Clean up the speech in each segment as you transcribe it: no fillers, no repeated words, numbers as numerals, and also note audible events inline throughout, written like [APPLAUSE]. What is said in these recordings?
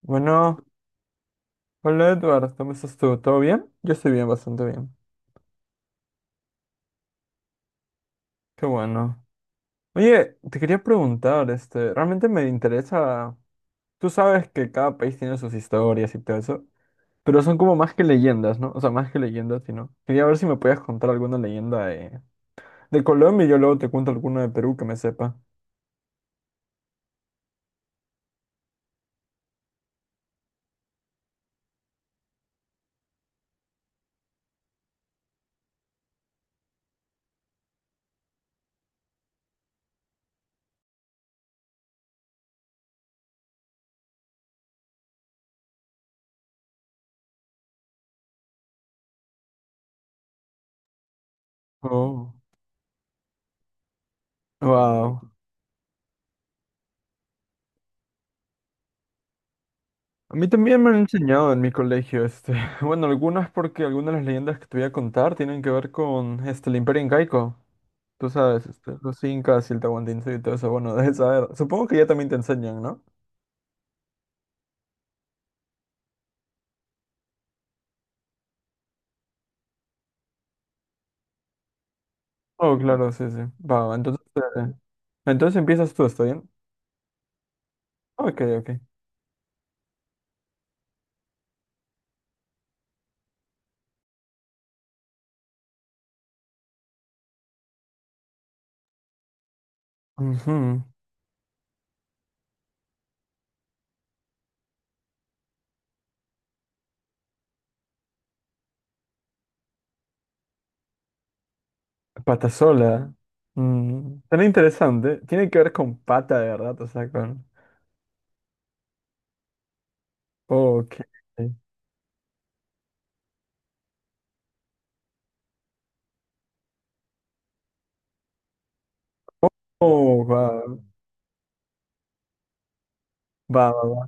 Bueno, hola Edward, ¿cómo estás tú? ¿Todo bien? Yo estoy bien, bastante bien. Qué bueno. Oye, te quería preguntar, este, realmente me interesa, tú sabes que cada país tiene sus historias y todo eso, pero son como más que leyendas, ¿no? O sea, más que leyendas, sino. Quería ver si me podías contar alguna leyenda de Colombia y yo luego te cuento alguna de Perú que me sepa. Oh, wow. A mí también me han enseñado en mi colegio, este, [LAUGHS] bueno, algunas porque algunas de las leyendas que te voy a contar tienen que ver con, este, el Imperio Incaico. Tú sabes, este, los incas y el tahuantinsuyo y todo eso, bueno, [LAUGHS] debes saber. Supongo que ya también te enseñan, ¿no? Oh, claro, sí, sí. Va, va entonces, entonces empiezas tú, ¿está bien? Ok, ok. Ujú. Patasola. Mm, tan interesante. Tiene que ver con pata, de verdad, o sea, con... Ok. Oh, va, va, va, va.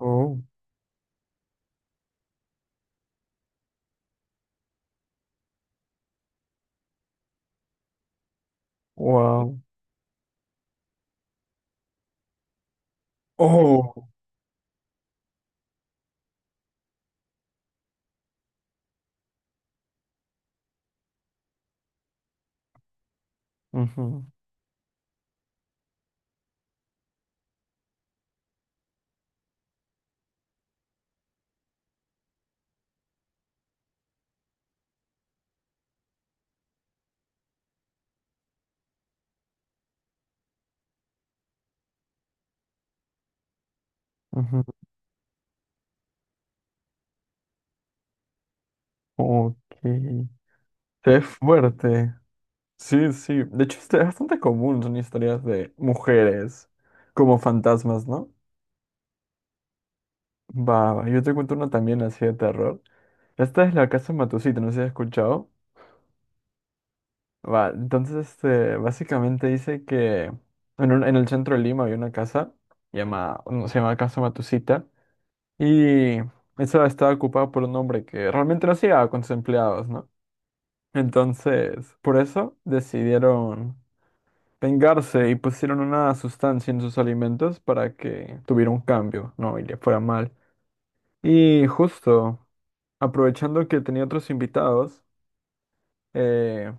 Oh, wow. Oh. Ujú, ujú. Ok. Se ve fuerte. Sí, sí. De hecho, este es bastante común, son historias de mujeres como fantasmas, ¿no? Va, va. Yo te cuento una también así de terror. Esta es la casa Matusita, no sé si has escuchado. Va, entonces, este, básicamente dice que en, en el centro de Lima había una casa, llama, no, se llama Casa Matusita, y esa estaba ocupada por un hombre que realmente no hacía con sus empleados, ¿no? Entonces, por eso decidieron. Vengarse y pusieron una sustancia en sus alimentos para que tuviera un cambio, ¿no? Y le fuera mal. Y justo, aprovechando que tenía otros invitados, eh,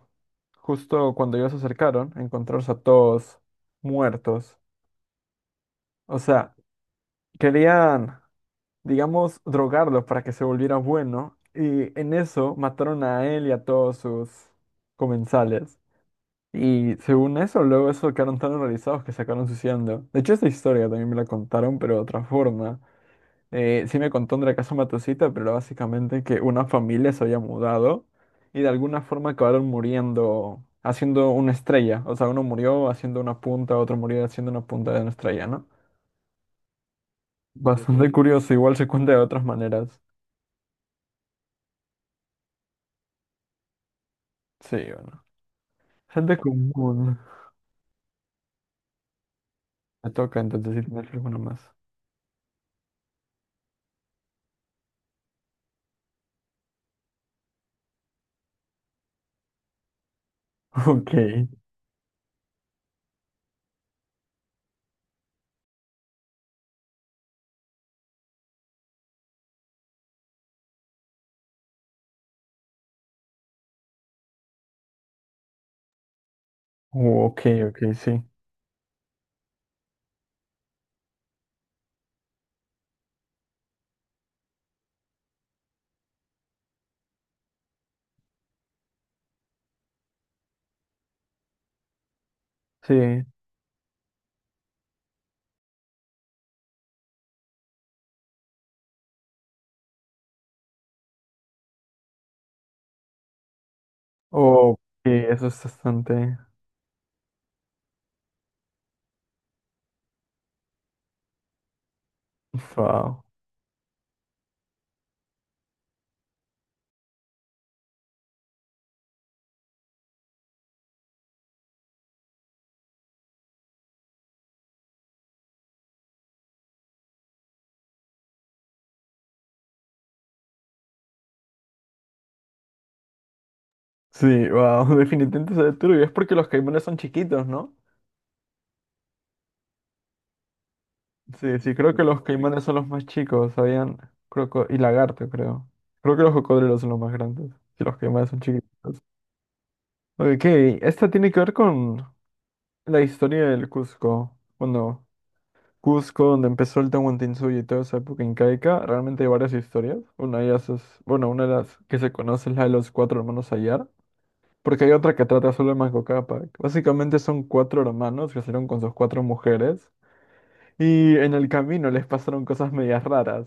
justo cuando ellos se acercaron, encontrarse a todos muertos. O sea, querían, digamos, drogarlo para que se volviera bueno. Y en eso mataron a él y a todos sus comensales. Y según eso, luego eso quedaron tan horrorizados que se acabaron suicidando. De hecho, esta historia también me la contaron, pero de otra forma. Sí me contó Andrea Casa Matosita, pero básicamente que una familia se había mudado y de alguna forma acabaron muriendo haciendo una estrella. O sea, uno murió haciendo una punta, otro murió haciendo una punta de una estrella, ¿no? Bastante curioso, igual se cuenta de otras maneras. Sí, bueno. Gente ok. Común. Me toca entonces si tienes alguna más. [LAUGHS] Ok. Oh, ok, ok, sí. Sí. Ok, eso es bastante. Wow. Sí, wow. [LAUGHS] Definitivamente se ve turbio. Es porque los caimanes son chiquitos, ¿no? Sí, sí, creo que los caimanes son los más chicos. Habían croco y lagarto, creo. Creo que los cocodrilos son los más grandes. Y los caimanes son chiquitos. Ok, esta tiene que ver con la historia del Cusco. Bueno, Cusco, donde empezó el Tahuantinsuyo y toda esa época incaica. Realmente hay varias historias. Una de ellas es, bueno, una de las que se conoce es la de los cuatro hermanos Ayar. Porque hay otra que trata solo de Manco Cápac. Básicamente son cuatro hermanos que salieron con sus cuatro mujeres y en el camino les pasaron cosas medias raras.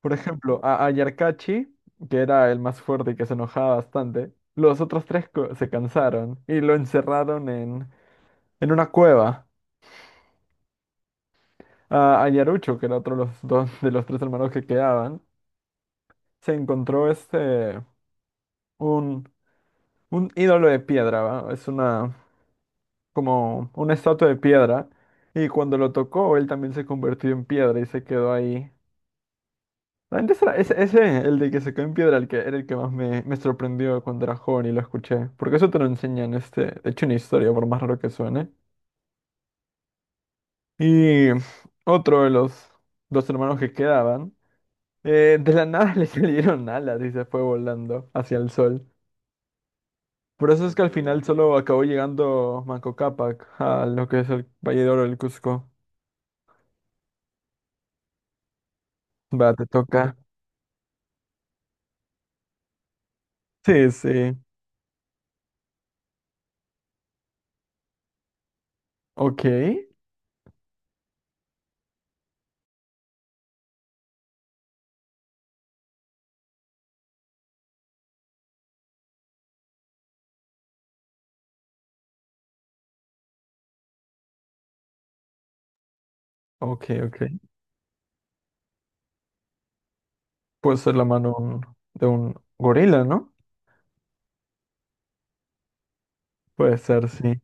Por ejemplo, a Yarkachi, que era el más fuerte y que se enojaba bastante, los otros tres se cansaron y lo encerraron en una cueva. A Yarucho, que era otro de los dos de los tres hermanos que quedaban, se encontró este un, un ídolo de piedra, ¿va? Es una como una estatua de piedra. Y cuando lo tocó, él también se convirtió en piedra y se quedó ahí. Realmente ese, ese, ese, el de que se quedó en piedra, el que era el que más me, me sorprendió cuando era joven y lo escuché. Porque eso te lo enseñan, este, de hecho, una historia, por más raro que suene. Y otro de los dos hermanos que quedaban, de la nada [LAUGHS] le salieron alas y se fue volando hacia el sol. Por eso es que al final solo acabó llegando Manco Cápac a lo que es el Valle de Oro del Cusco. Va, te toca. Sí, sí. Ok, ok, ok. Puede ser la mano de un gorila, ¿no? Puede ser, sí.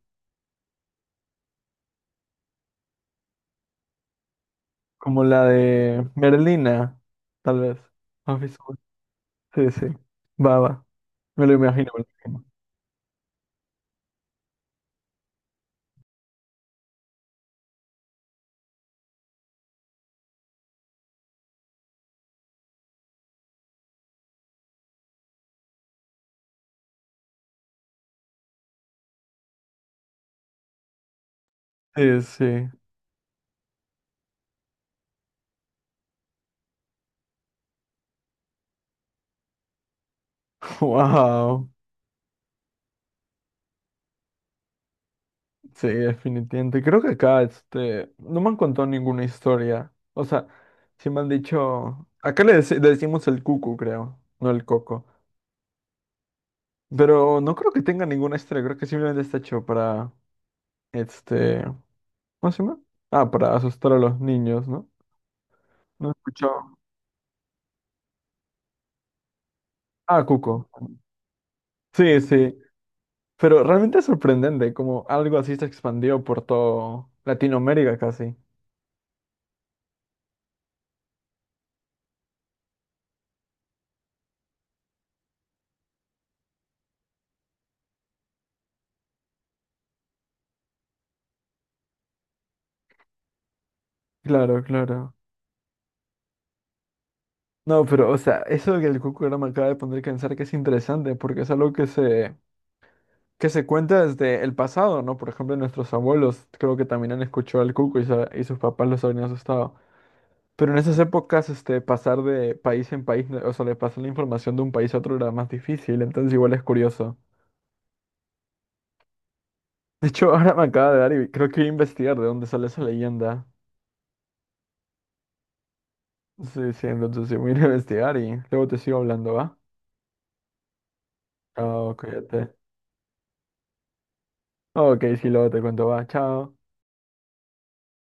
Como la de Merlina, tal vez. ¿Has visto? Sí, sí. Baba. Me lo imagino. Me lo imagino. Sí, sí. [LAUGHS] Wow. Sí, definitivamente. Creo que acá, este, no me han contado ninguna historia. O sea, sí me han dicho. Acá le, le decimos el cucu, creo, no el coco. Pero no creo que tenga ninguna historia. Creo que simplemente está hecho para, este. ¿Cómo se llama? Ah, para asustar a los niños, ¿no? No he escuchado. Ah, Cuco. Sí, sí. Pero realmente es sorprendente como algo así se expandió por todo Latinoamérica casi. Claro, claro. No, pero, o sea, eso que el Cuco ahora me acaba de poner a pensar que es interesante porque es algo que se cuenta desde el pasado, ¿no? Por ejemplo, nuestros abuelos creo que también han escuchado al Cuco y, y sus papás los habían asustado. Pero en esas épocas, este, pasar de país en país, o sea, de pasar la información de un país a otro era más difícil, entonces igual es curioso. De hecho, [LAUGHS] ahora me acaba de dar y creo que voy a investigar de dónde sale esa leyenda. Sí, sí, entonces sí, voy a ir a investigar y luego te sigo hablando, ¿va? Chao, cuídate. Ok, sí, luego te cuento, va, chao.